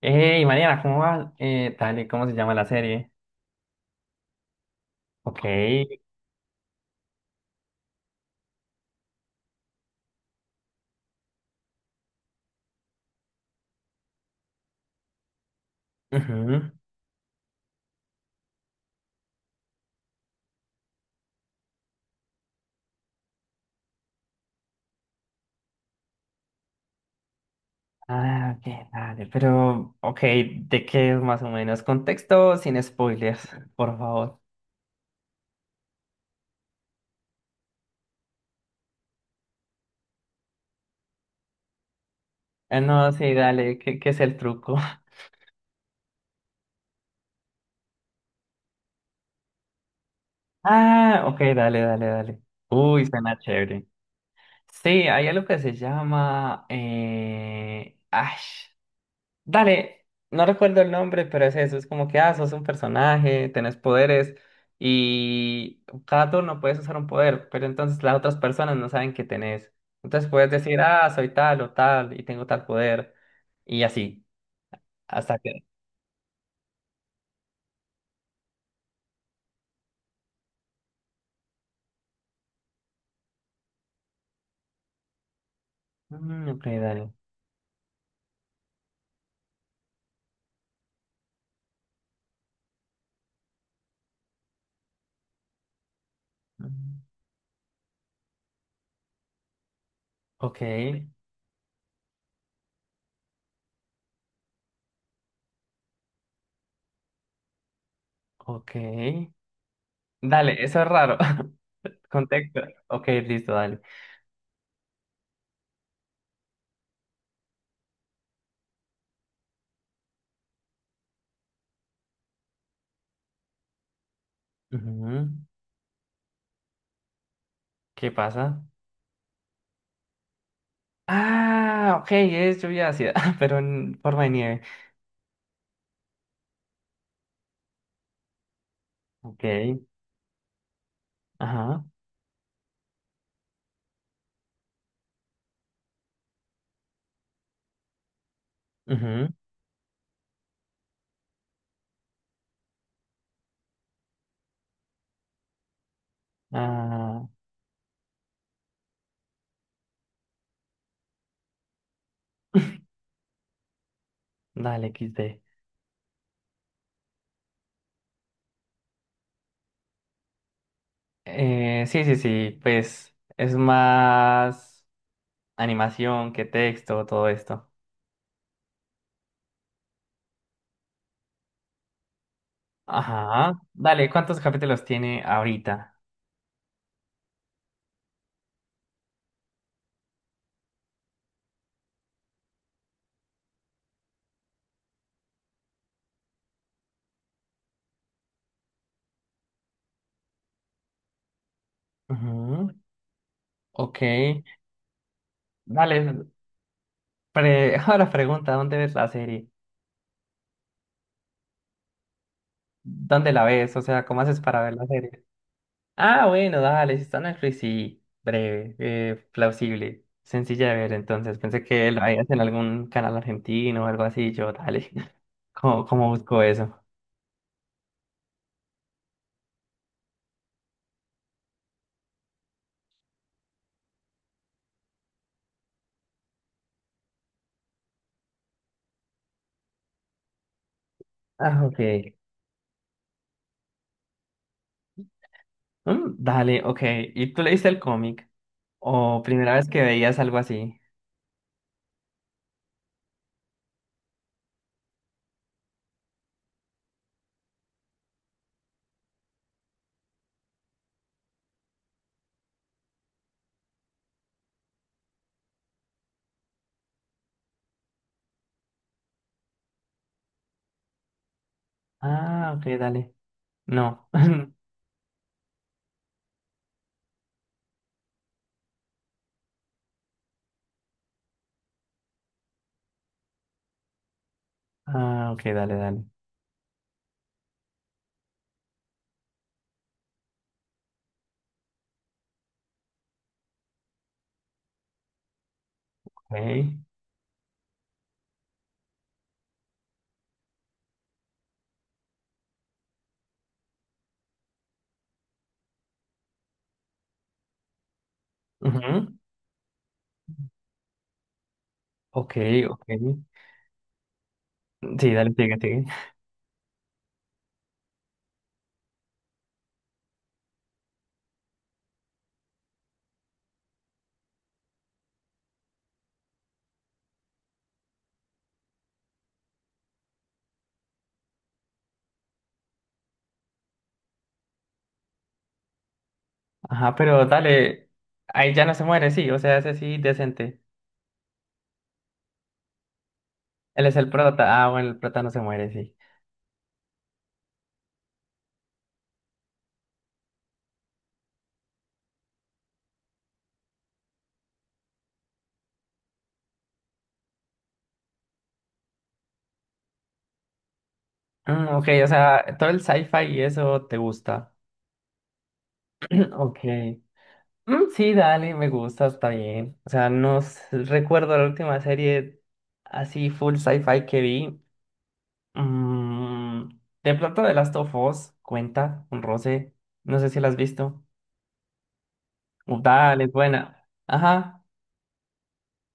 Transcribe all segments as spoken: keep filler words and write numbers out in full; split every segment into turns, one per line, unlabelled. Hey, Mariana, ¿cómo vas? Eh, dale, ¿cómo se llama la serie? Ok. Ujú. Ah, ok, dale, pero, ok, ¿de qué es más o menos? Contexto sin spoilers, por favor. Eh, no, sí, dale, ¿qué, qué es el truco? Ah, ok, dale, dale, dale. Uy, suena chévere. Sí, hay algo que se llama... Eh... Ash. Dale, no recuerdo el nombre, pero es eso, es como que, ah, sos un personaje, tenés poderes y cada turno puedes usar un poder, pero entonces las otras personas no saben que tenés. Entonces puedes decir, ah, soy tal o tal y tengo tal poder y así, hasta que... Mm, ok, dale. Mm, ok, ok. Dale, eso es raro. Contexto. Ok, listo, dale. Ujú. ¿Qué pasa? Ah, ok, es lluvia ácida, pero en forma de nieve. Ok. Ajá. Ujú, ah, dale, equis de. Eh, sí, sí, sí, pues es más animación que texto, todo esto. Ajá. Dale, ¿cuántos capítulos tiene ahorita? Ujú. Ok. Dale, pre- ahora pregunta, ¿dónde ves la serie? ¿Dónde la ves? O sea, ¿cómo haces para ver la serie? Ah, bueno, dale, si está Netflix, sí, breve, eh, plausible, sencilla de ver, entonces pensé que lo harías en algún canal argentino o algo así, yo, dale. ¿cómo, cómo busco eso? Ah, ok. Mm, dale, ok, ¿y tú leíste el cómic? ¿O primera vez que veías algo así? Ah, ok, dale, no. Ah, ok, dale, dale, ok, ujú, ok, ok, sí, dale, sigue, sigue, ajá, pero dale, ahí ya no se muere, sí, o sea, ese sí, decente. Él es el prota. Ah, bueno, el prota no se muere, sí. Mm, ok, o sea, todo el sci-fi y eso te gusta. Mm, ok. Mm, sí, dale, me gusta, está bien. O sea, no s- recuerdo la última serie así full sci-fi que vi. Mm, de pronto The Last of Us cuenta, un roce. No sé si la has visto. Uh, dale, es buena. Ajá,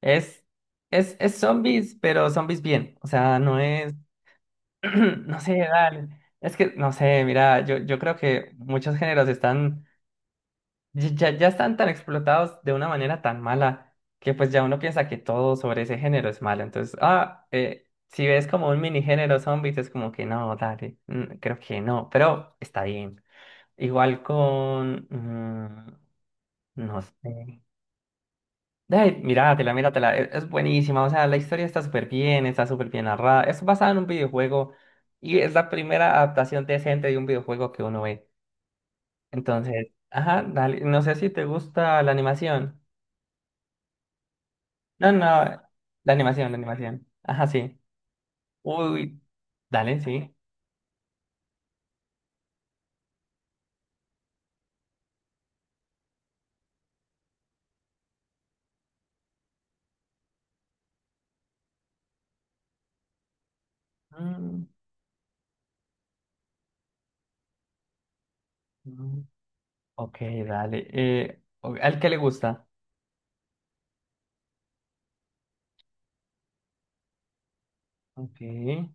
es, es, es zombies, pero zombies bien. O sea, no es. No sé, dale. Es que, no sé, mira, yo, yo creo que muchos géneros están, ya, ya ya están tan explotados de una manera tan mala que pues ya uno piensa que todo sobre ese género es malo. Entonces, ah, eh, si ves como un mini género zombies, es como que no, dale, mm, creo que no, pero está bien. Igual con, mm, no sé. Ay, míratela, míratela, e- es buenísima, o sea, la historia está súper bien, está súper bien narrada, es basada en un videojuego y es la primera adaptación decente de un videojuego que uno ve. Entonces, ajá, dale, no sé si te gusta la animación. No, no, la animación, la animación. Ajá, sí. Uy, dale, sí. Mm, mm, ok, dale. Eh, o- ¿al que le gusta? Ok. Sí,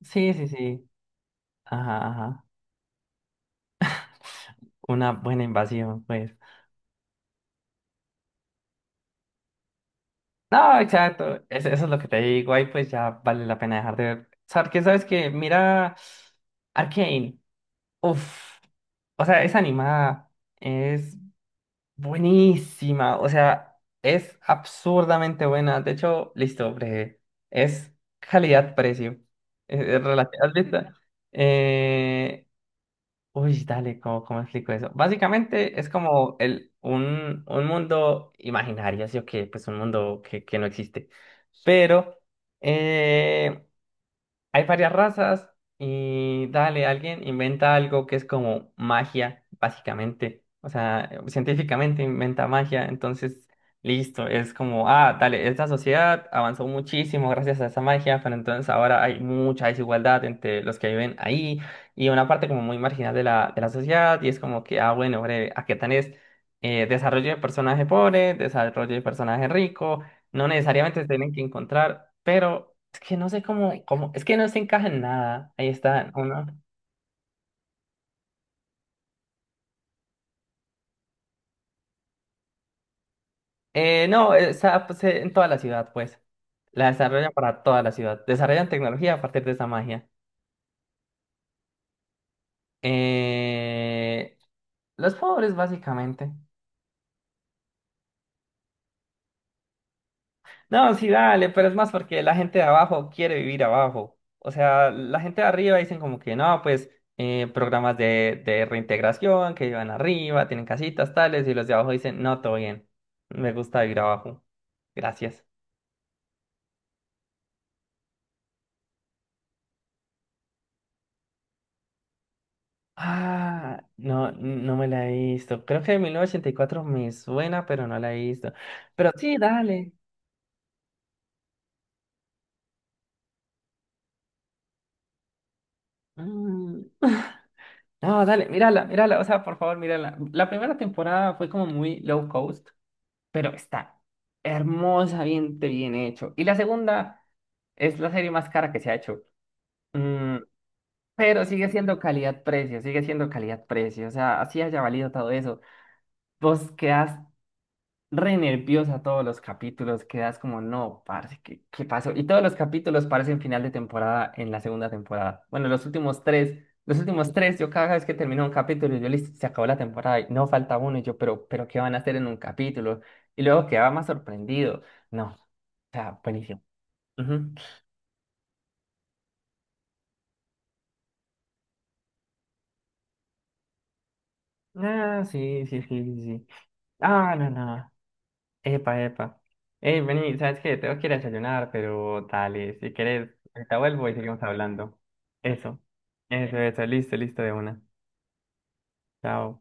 sí, sí. Ajá, ajá. Una buena invasión, pues. No, exacto. es- Eso es lo que te digo. Ahí pues ya vale la pena dejar de ver. ¿Sabes qué? ¿Sabes qué? Mira Arcane. Uf. O sea, es animada. Es buenísima. O sea, es absurdamente buena. De hecho, listo, breve. Es calidad-precio. Eh, eh, relati- ¿Has visto? Eh, uy, dale, ¿cómo, cómo explico eso? Básicamente es como el, un, un mundo imaginario, así o que, pues un mundo que, que no existe. Pero, eh, hay varias razas y dale, alguien inventa algo que es como magia, básicamente. O sea, científicamente inventa magia, entonces listo, es como, ah, dale, esta sociedad avanzó muchísimo gracias a esa magia, pero entonces ahora hay mucha desigualdad entre los que viven ahí y una parte como muy marginal de la, de la sociedad y es como que, ah, bueno, breve, a aquí tenés eh, desarrollo de personaje pobre, desarrollo de personaje rico, no necesariamente se tienen que encontrar, pero es que no sé cómo, ay, cómo, es que no se encaja en nada. Ahí está, uno. Eh, no, está pues, eh, en toda la ciudad, pues. La desarrollan para toda la ciudad. Desarrollan tecnología a partir de esa magia. Eh, los pobres, básicamente. No, sí, dale, pero es más porque la gente de abajo quiere vivir abajo. O sea, la gente de arriba dicen como que no, pues eh, programas de, de reintegración que vivan arriba, tienen casitas tales, y los de abajo dicen, no, todo bien. Me gusta vivir abajo. Gracias. Ah, no, no me la he visto. Creo que de mil novecientos ochenta y cuatro me suena, pero no la he visto. Pero sí, dale. Mm, no, dale, mírala, mírala. O sea, por favor, mírala. La primera temporada fue como muy low cost, pero está hermosa, bien, bien hecho. Y la segunda es la serie más cara que se ha hecho. Mm, pero sigue siendo calidad-precio, sigue siendo calidad-precio. O sea, así haya valido todo eso. Vos quedás re nerviosa todos los capítulos, quedas como, no, parce, ¿qué, qué pasó? Y todos los capítulos parecen final de temporada en la segunda temporada. Bueno, los últimos tres, los últimos tres, yo cada vez que termino un capítulo, yo listo, se acabó la temporada y no falta uno, y yo, pero, pero, ¿qué, van a hacer en un capítulo? Y luego quedaba más sorprendido. No, o sea, buenísimo. Ujú. Ah, sí, sí, sí, sí. Sí. Ah, no, no. Epa, epa. Hey, vení, ¿sabes qué? Tengo que ir a desayunar, pero dale, si quieres, ahorita vuelvo y seguimos hablando. Eso, eso, eso, listo, listo de una. Chao.